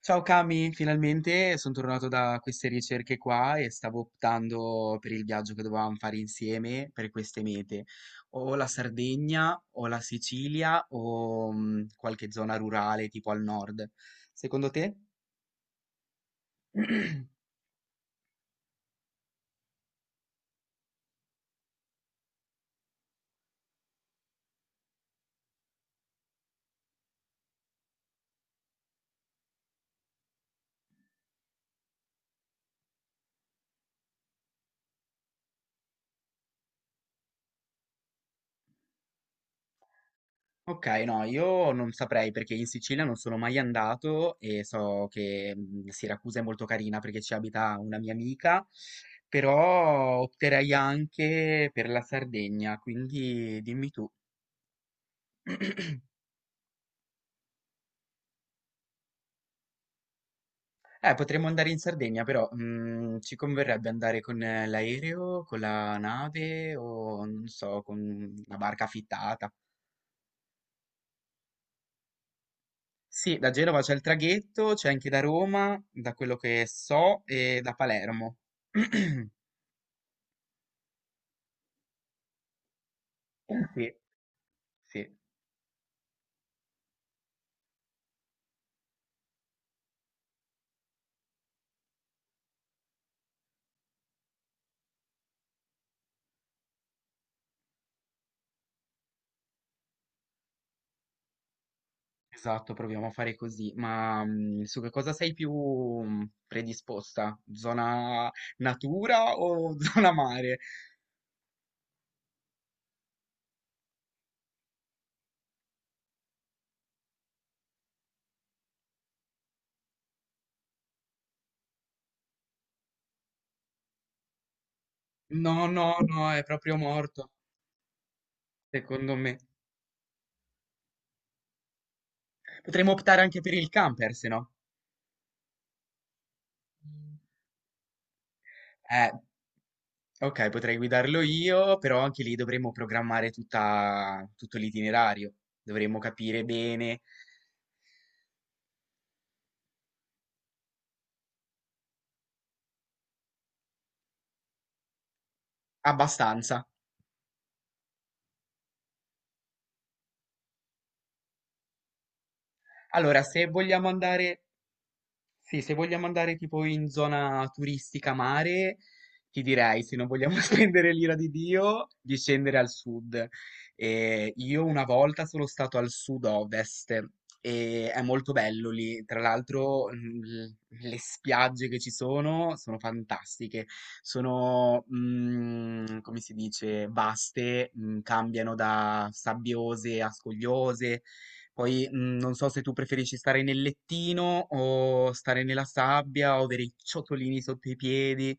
Ciao Cami, finalmente sono tornato da queste ricerche qua e stavo optando per il viaggio che dovevamo fare insieme per queste mete. O la Sardegna, o la Sicilia, o qualche zona rurale tipo al nord. Secondo te? Ok, no, io non saprei perché in Sicilia non sono mai andato e so che Siracusa è molto carina perché ci abita una mia amica, però opterei anche per la Sardegna, quindi dimmi tu. Potremmo andare in Sardegna, però ci converrebbe andare con l'aereo, con la nave o non so, con una barca affittata. Sì, da Genova c'è il traghetto, c'è anche da Roma, da quello che so, e da Palermo. Sì, sì, esatto, proviamo a fare così. Ma su che cosa sei più predisposta? Zona natura o zona mare? No, no, no, è proprio morto, secondo me. Potremmo optare anche per il camper, se no. Eh, ok, potrei guidarlo io, però anche lì dovremmo programmare tutto l'itinerario, dovremmo capire bene abbastanza. Allora, se vogliamo andare sì, se vogliamo andare tipo in zona turistica mare, ti direi, se non vogliamo spendere l'ira di Dio, di scendere al sud. E io una volta sono stato al sud-ovest e è molto bello lì. Tra l'altro, le spiagge che ci sono sono fantastiche. Sono, come si dice, vaste, cambiano da sabbiose a scogliose poi non so se tu preferisci stare nel lettino o stare nella sabbia o avere i ciotolini sotto i piedi.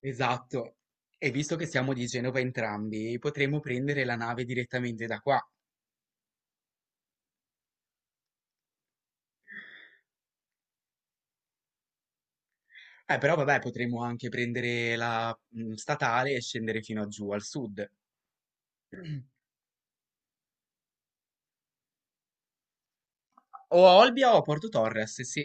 Esatto. E visto che siamo di Genova entrambi, potremmo prendere la nave direttamente da qua. Però vabbè, potremmo anche prendere la statale e scendere fino a giù al sud. O a Olbia o a Porto Torres, sì.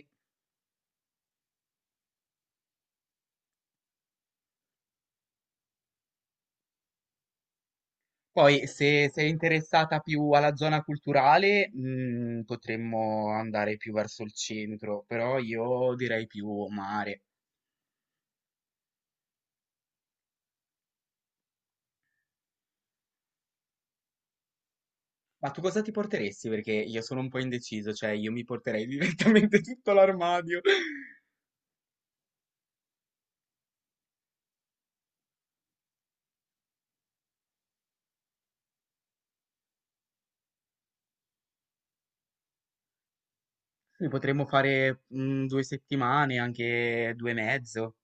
Poi, se sei interessata più alla zona culturale, potremmo andare più verso il centro, però io direi più mare. Ma tu cosa ti porteresti? Perché io sono un po' indeciso, cioè io mi porterei direttamente tutto l'armadio. Ne potremmo fare due settimane, anche due e mezzo.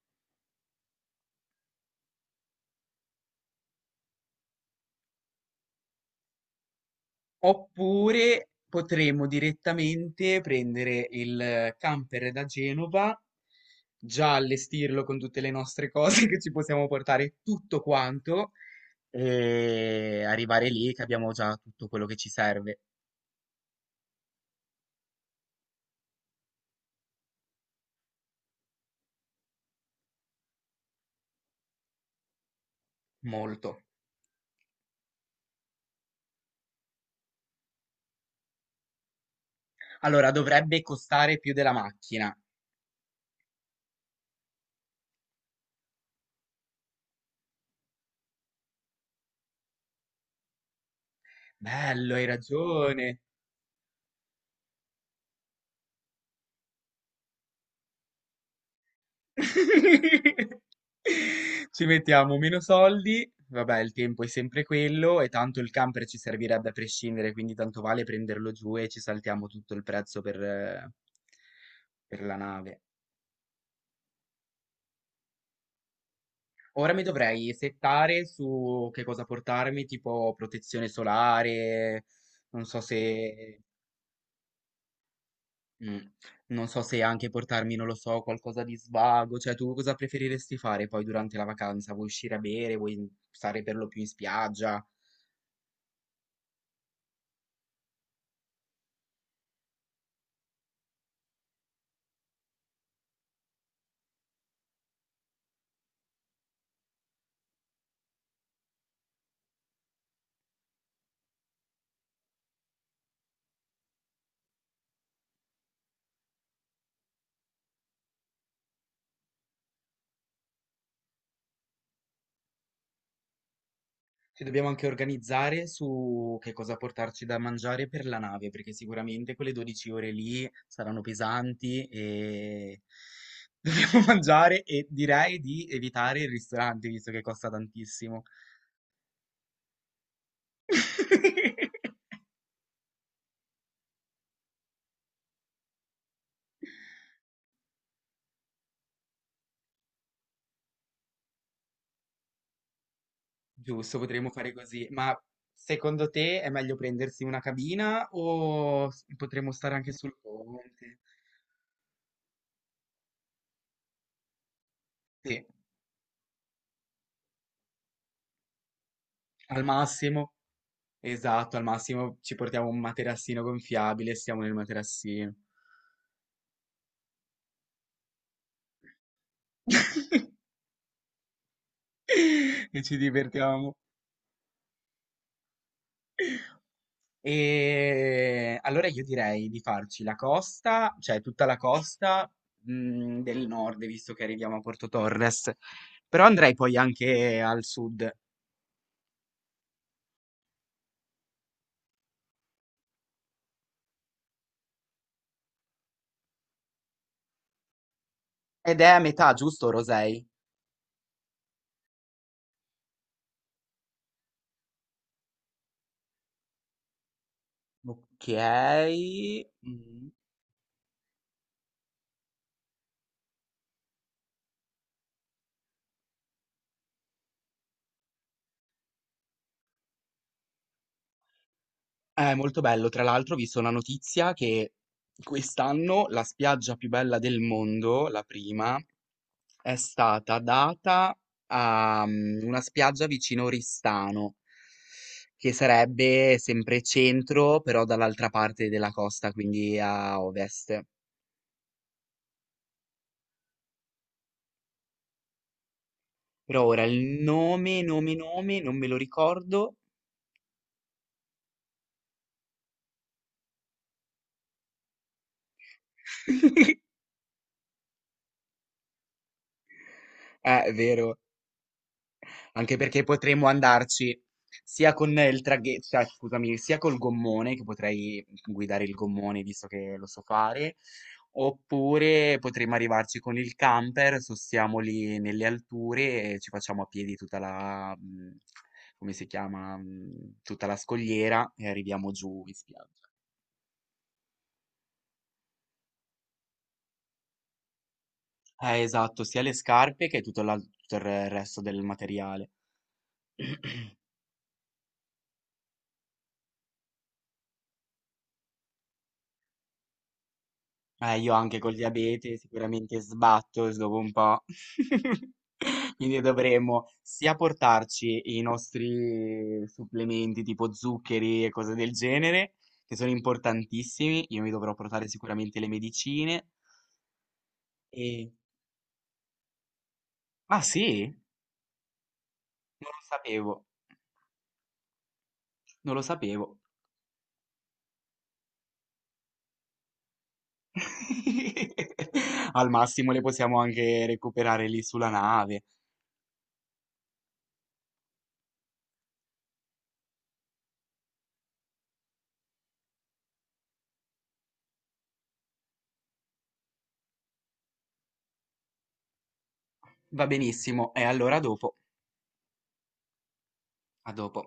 Oppure potremmo direttamente prendere il camper da Genova, già allestirlo con tutte le nostre cose che ci possiamo portare, tutto quanto, e arrivare lì che abbiamo già tutto quello che ci serve. Molto. Allora, dovrebbe costare più della macchina. Bello, hai ragione. Ci mettiamo meno soldi, vabbè, il tempo è sempre quello e tanto il camper ci servirebbe a prescindere, quindi tanto vale prenderlo giù e ci saltiamo tutto il prezzo per la nave. Ora mi dovrei settare su che cosa portarmi, tipo protezione solare, non so se mh. Non so se anche portarmi, non lo so, qualcosa di svago, cioè tu cosa preferiresti fare poi durante la vacanza? Vuoi uscire a bere? Vuoi stare per lo più in spiaggia? Ci dobbiamo anche organizzare su che cosa portarci da mangiare per la nave, perché sicuramente quelle 12 ore lì saranno pesanti e dobbiamo mangiare e direi di evitare il ristorante, visto che costa tantissimo. Giusto, potremmo fare così, ma secondo te è meglio prendersi una cabina o potremmo stare anche sul ponte? Sì, al massimo, esatto, al massimo ci portiamo un materassino gonfiabile, stiamo nel materassino e ci divertiamo. E allora io direi di farci la costa, cioè tutta la costa, del nord, visto che arriviamo a Porto Torres, però andrei poi anche al sud. Ed è a metà, giusto, Rosei? Ok. Mm. È molto bello. Tra l'altro, ho visto una notizia che quest'anno la spiaggia più bella del mondo, la prima, è stata data a una spiaggia vicino Oristano, che sarebbe sempre centro, però dall'altra parte della costa, quindi a ovest. Però ora il nome, nome, nome, non me lo ricordo. È vero. Anche perché potremmo andarci sia con il traghetto, cioè, scusami, sia col gommone, che potrei guidare il gommone visto che lo so fare, oppure potremmo arrivarci con il camper, sostiamo lì nelle alture e ci facciamo a piedi tutta la, come si chiama, tutta la scogliera e arriviamo giù in spiaggia. Esatto, sia le scarpe che tutto, tutto il resto del materiale. Io anche col diabete sicuramente sbatto dopo un po'. Quindi dovremmo sia portarci i nostri supplementi tipo zuccheri e cose del genere, che sono importantissimi. Io mi dovrò portare sicuramente le medicine. E... ah sì? Non lo sapevo. Non lo sapevo. Al massimo le possiamo anche recuperare lì sulla nave. Va benissimo. E allora a dopo. A dopo.